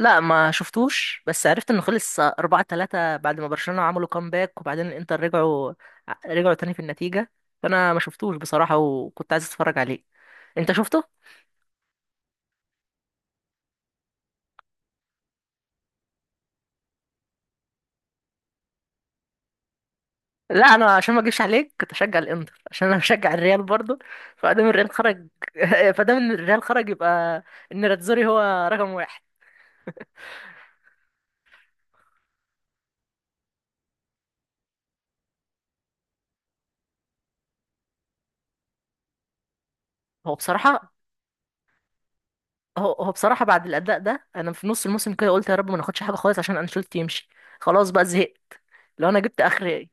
لا ما شفتوش، بس عرفت انه خلص 4-3 بعد ما برشلونة عملوا كامباك، وبعدين الانتر رجعوا تاني في النتيجة. فانا ما شفتوش بصراحة، وكنت عايز اتفرج عليه. انت شفته؟ لا، انا عشان ما اجيبش عليك كنت اشجع الانتر، عشان انا بشجع الريال برضه. فادام الريال خرج فادام ان الريال خرج يبقى ان راتزوري هو رقم واحد. هو بصراحة هو بصراحة، بعد الاداء ده انا في نص الموسم كده قلت يا رب ما ناخدش حاجة خالص عشان انشيلوتي يمشي. خلاص بقى، زهقت. لو انا جبت اخر،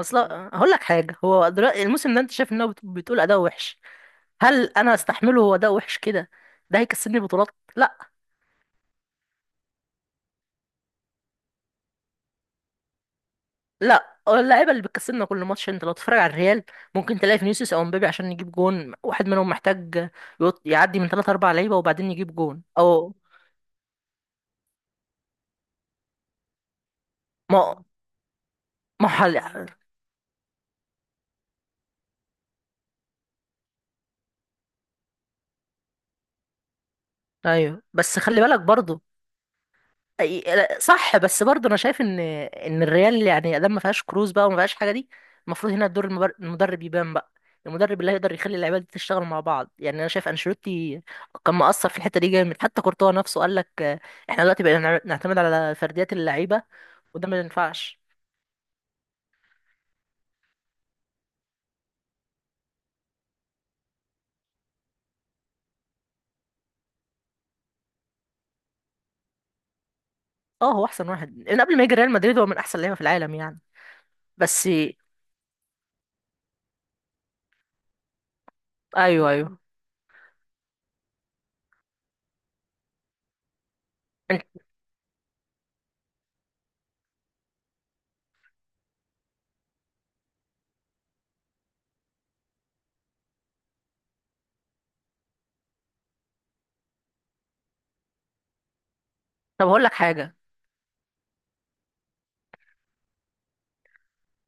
اصل هقول لك حاجه، هو دلوقتي الموسم ده انت شايف ان هو بتقول اداء وحش؟ هل انا استحمله هو اداء وحش كده؟ ده هيكسبني بطولات؟ لا. لا، اللعيبه اللي بتكسبنا كل ماتش. انت لو تتفرج على الريال، ممكن تلاقي فينيسيوس او مبابي عشان يجيب جون، واحد منهم محتاج يعدي من 3 4 لعيبه وبعدين يجيب جون، او ما ما هو حل. ايوه، بس خلي بالك برضه. صح، بس برضه انا شايف ان الريال يعني ادام ما فيهاش كروز بقى وما فيهاش حاجه دي، المفروض هنا دور المدرب يبان بقى. المدرب اللي هيقدر يخلي اللعيبه دي تشتغل مع بعض. يعني انا شايف انشيلوتي كان مقصر في الحته دي جامد، حتى كورتوا نفسه قال لك احنا دلوقتي بقينا نعتمد على فرديات اللعيبه، وده ما ينفعش. اه، هو احسن واحد من قبل ما يجي ريال مدريد، هو من احسن لعيبه في العالم يعني. بس ايوه، ايوه. أنت- طب هقول لك حاجه.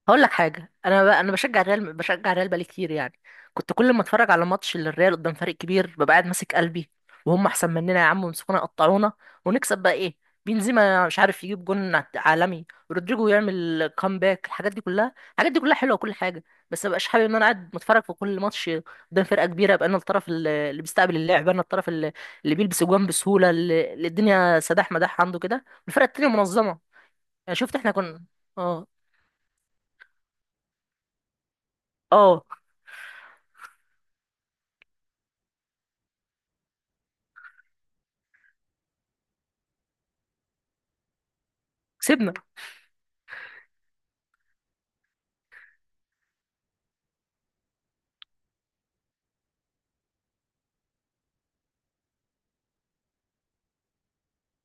انا بشجع الريال، بقالي كتير يعني. كنت كل ما اتفرج على ماتش للريال قدام فريق كبير ببقى قاعد ماسك قلبي، وهم احسن مننا يا عم، ويمسكونا يقطعونا، ونكسب بقى ايه؟ بنزيما مش عارف يجيب جون عالمي، رودريجو يعمل كامباك. الحاجات دي كلها حلوه وكل حاجه، بس مبقاش حابب ان انا قاعد بتفرج في كل ماتش قدام فرقه كبيره ابقى انا الطرف اللي بيستقبل اللعب، انا الطرف اللي بيلبس جوان بسهوله، اللي الدنيا سداح مداح عنده كده، الفرقه التانيه منظمه. يعني شفت احنا كنا؟ اه، اه، كسبنا.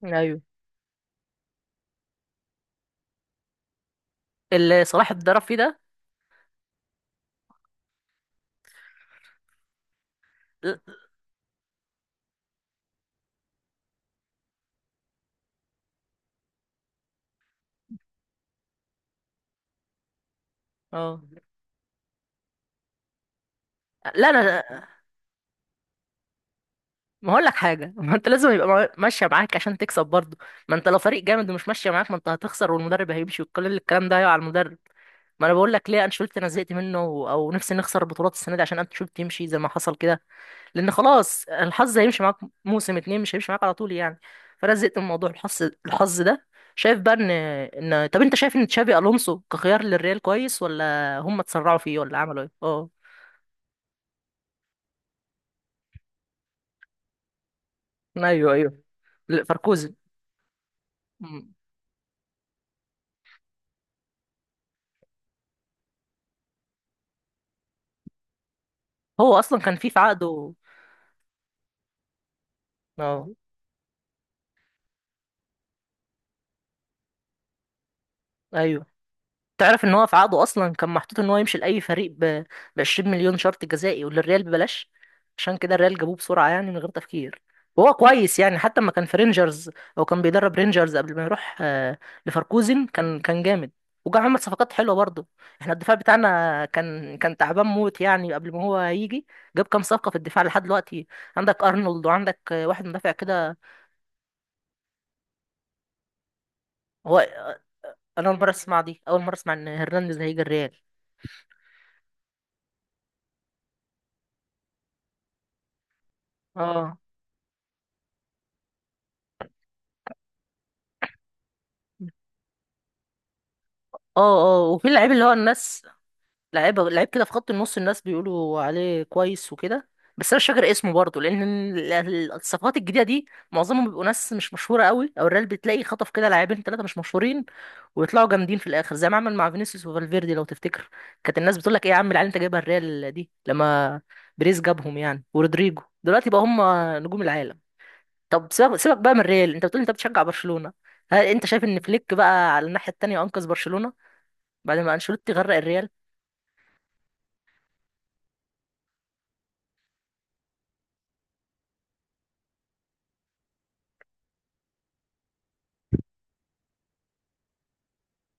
ايوه، اللي صلاح اتضرب فيه ده. اه. لا انا، ما هقول لك حاجه ما انت لازم يبقى ماشيه معاك عشان تكسب برضه. ما انت لو فريق جامد ومش ماشيه معاك، ما انت هتخسر، والمدرب هيمشي، وكل الكلام ده هيقع على المدرب. ما انا بقول لك ليه انشيلوتي انا زهقت منه، او نفسي نخسر البطولات السنه دي عشان انشيلوتي يمشي زي ما حصل كده. لان خلاص الحظ هيمشي معاك موسم اتنين، مش هيمشي معاك على طول يعني. فانا زهقت من موضوع الحظ ده. شايف بقى ان، طب انت شايف ان تشافي الونسو كخيار للريال كويس، ولا هم اتسرعوا فيه، ولا عملوا ايه؟ اه. ايوه، ايوه. فاركوزن. مم. هو اصلا كان في عقده. اه، ايوه. تعرف ان هو في عقده اصلا كان محطوط ان هو يمشي لاي فريق ب، 20 مليون شرط جزائي، وللريال ببلاش. عشان كده الريال جابوه بسرعه يعني من غير تفكير. وهو كويس يعني، حتى لما كان في رينجرز، او كان بيدرب رينجرز قبل ما يروح لفاركوزن، كان جامد، وجا عمل صفقات حلوه برضه. احنا الدفاع بتاعنا كان تعبان موت يعني قبل ما هو يجي. جاب كام صفقه في الدفاع لحد دلوقتي، عندك ارنولد، وعندك واحد مدافع كده. هو انا اول مره اسمع ان هرنانديز هيجي الريال. اه، اه، اه. وفي اللعيب اللي هو الناس، لعيب لعيب كده في خط النص، الناس بيقولوا عليه كويس وكده، بس انا مش فاكر اسمه برضه، لان الصفقات الجديده دي معظمهم بيبقوا ناس مش مشهوره قوي، او الريال بتلاقي خطف كده لاعبين ثلاثه مش مشهورين، ويطلعوا جامدين في الاخر زي ما عمل مع فينيسيوس وفالفيردي لو تفتكر. كانت الناس بتقول لك ايه يا عم العيال انت جايبها الريال دي، لما بريز جابهم يعني، ورودريجو، دلوقتي بقى هم نجوم العالم. طب سيبك سيبك بقى من ريال. انت بتقول انت بتشجع برشلونة، هل انت شايف ان فليك بقى على الناحية التانية انقذ برشلونة بعد ما انشيلوتي غرق الريال؟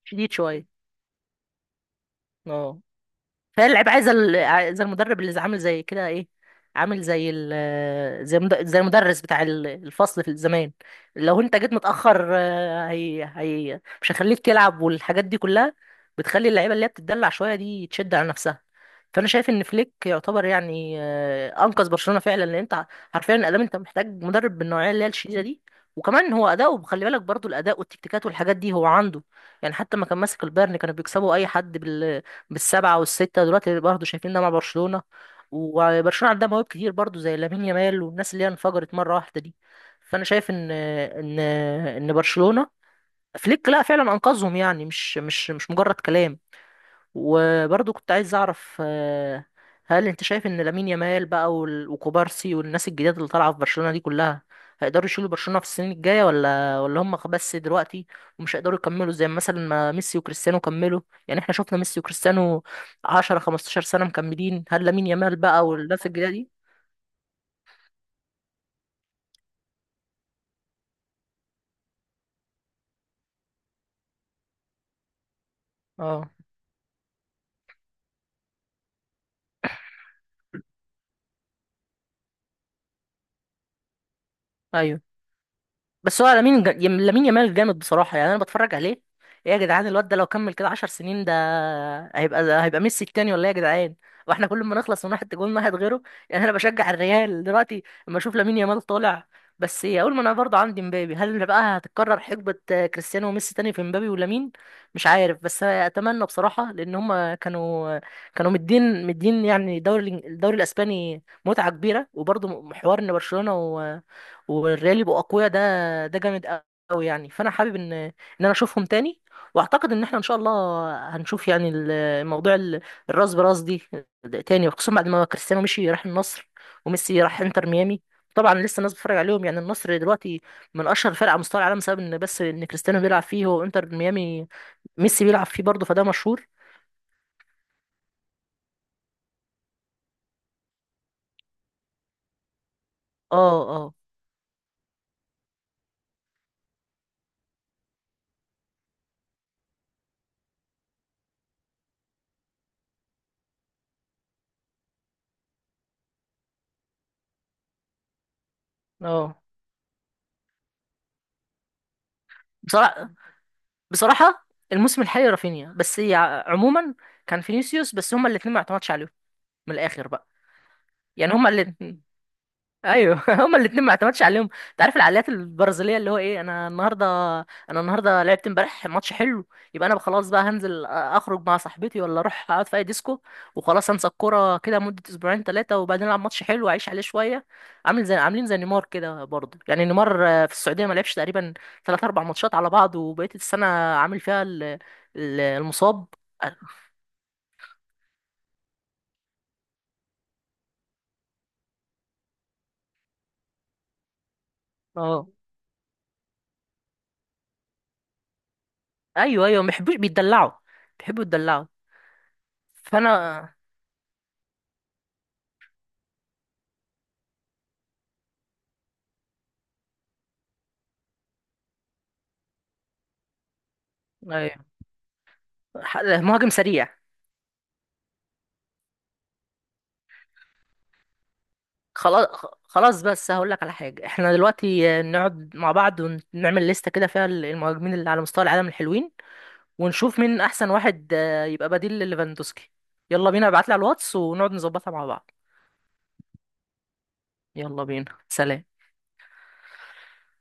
شديد شوية، اه. فهي اللعيبه عايزه عايزه المدرب اللي عامل زي كده ايه، عامل زي زي المدرس بتاع الفصل في الزمان. لو انت جيت متاخر هي مش هيخليك تلعب، والحاجات دي كلها بتخلي اللعيبه اللي هي بتتدلع شويه دي تشد على نفسها. فانا شايف ان فليك يعتبر يعني، انقذ برشلونه فعلا، لان انت حرفيا الادام انت محتاج مدرب بالنوعيه اللي هي الشديده دي. وكمان هو اداؤه، خلي بالك برضو الاداء والتكتيكات والحاجات دي هو عنده، يعني حتى ما كان ماسك البايرن كانوا بيكسبوا اي حد بالسبعة والستة، دلوقتي برضه شايفيننا مع برشلونة. وبرشلونة عندها مواهب كتير برضه زي لامين يامال والناس اللي هي انفجرت مرة واحدة دي. فأنا شايف إن برشلونة، فليك لا، فعلا أنقذهم يعني، مش مجرد كلام. وبرضو كنت عايز اعرف، هل انت شايف ان لامين يامال بقى وكوبارسي والناس الجديده اللي طالعه في برشلونه دي كلها هيقدروا يشيلوا برشلونه في السنين الجايه، ولا هم بس دلوقتي ومش هيقدروا يكملوا زي مثلا ما ميسي وكريستيانو كملوا؟ يعني احنا شفنا ميسي وكريستيانو 10 15 سنه مكملين، هل لامين يامال بقى والناس الجديده دي؟ اه، ايوه. بس هو لامين يامال جامد بصراحة يعني. أنا بتفرج عليه، إيه يا جدعان الواد ده؟ لو كمل كده 10 سنين، ده هيبقى ميسي التاني، ولا إيه يا جدعان؟ واحنا كل ما نخلص من واحد، جول واحد غيره. يعني أنا بشجع الريال دلوقتي لما أشوف لامين يامال طالع. بس إيه، أقول، ما أنا برضه عندي مبابي، هل بقى هتتكرر حقبة كريستيانو وميسي تاني في مبابي ولامين؟ مش عارف، بس أتمنى بصراحة، لأن هما كانوا، مدين مدين يعني الدوري الإسباني متعة كبيرة. وبرضه حوار إن برشلونة والريال يبقوا اقوياء، ده ده جامد قوي يعني. فانا حابب ان، انا اشوفهم تاني، واعتقد ان احنا ان شاء الله هنشوف يعني الموضوع الراس براس دي تاني، وخصوصا بعد ما كريستيانو مشي راح النصر، وميسي راح انتر ميامي. طبعا لسه الناس بتتفرج عليهم، يعني النصر دلوقتي من اشهر فرق على مستوى العالم بسبب ان كريستيانو بيلعب فيه، وانتر ميامي ميسي بيلعب فيه برضه، فده مشهور. اه، اه، اه. بصراحه، الموسم الحالي رافينيا، بس عموما كان فينيسيوس. بس هما الاثنين ما اعتمدش عليهم، من الاخر بقى، يعني هما الاتنين، ايوه هما الاتنين ما اعتمدش عليهم. انت عارف العقليات البرازيليه، اللي هو ايه، انا النهارده، لعبت امبارح ماتش حلو، يبقى انا خلاص بقى هنزل اخرج مع صاحبتي، ولا اروح اقعد في اي ديسكو، وخلاص انسى الكوره كده مده اسبوعين ثلاثه، وبعدين العب ماتش حلو واعيش عليه شويه. عاملين زي نيمار كده برضه، يعني نيمار في السعوديه ما لعبش تقريبا ثلاث اربع ماتشات على بعض، وبقيه السنه عامل فيها المصاب. اه، ايوه، ايوه، ما بيحبوش، بيتدلعوا، بيحبوا يتدلعوا. فانا، أيوة، مهاجم سريع. خلاص خلاص، بس هقول لك على حاجه، احنا دلوقتي نقعد مع بعض ونعمل لستة كده فيها المهاجمين اللي على مستوى العالم الحلوين، ونشوف مين احسن واحد يبقى بديل لليفاندوسكي. يلا بينا، ابعت لي على الواتس ونقعد نظبطها مع بعض. يلا بينا، سلام.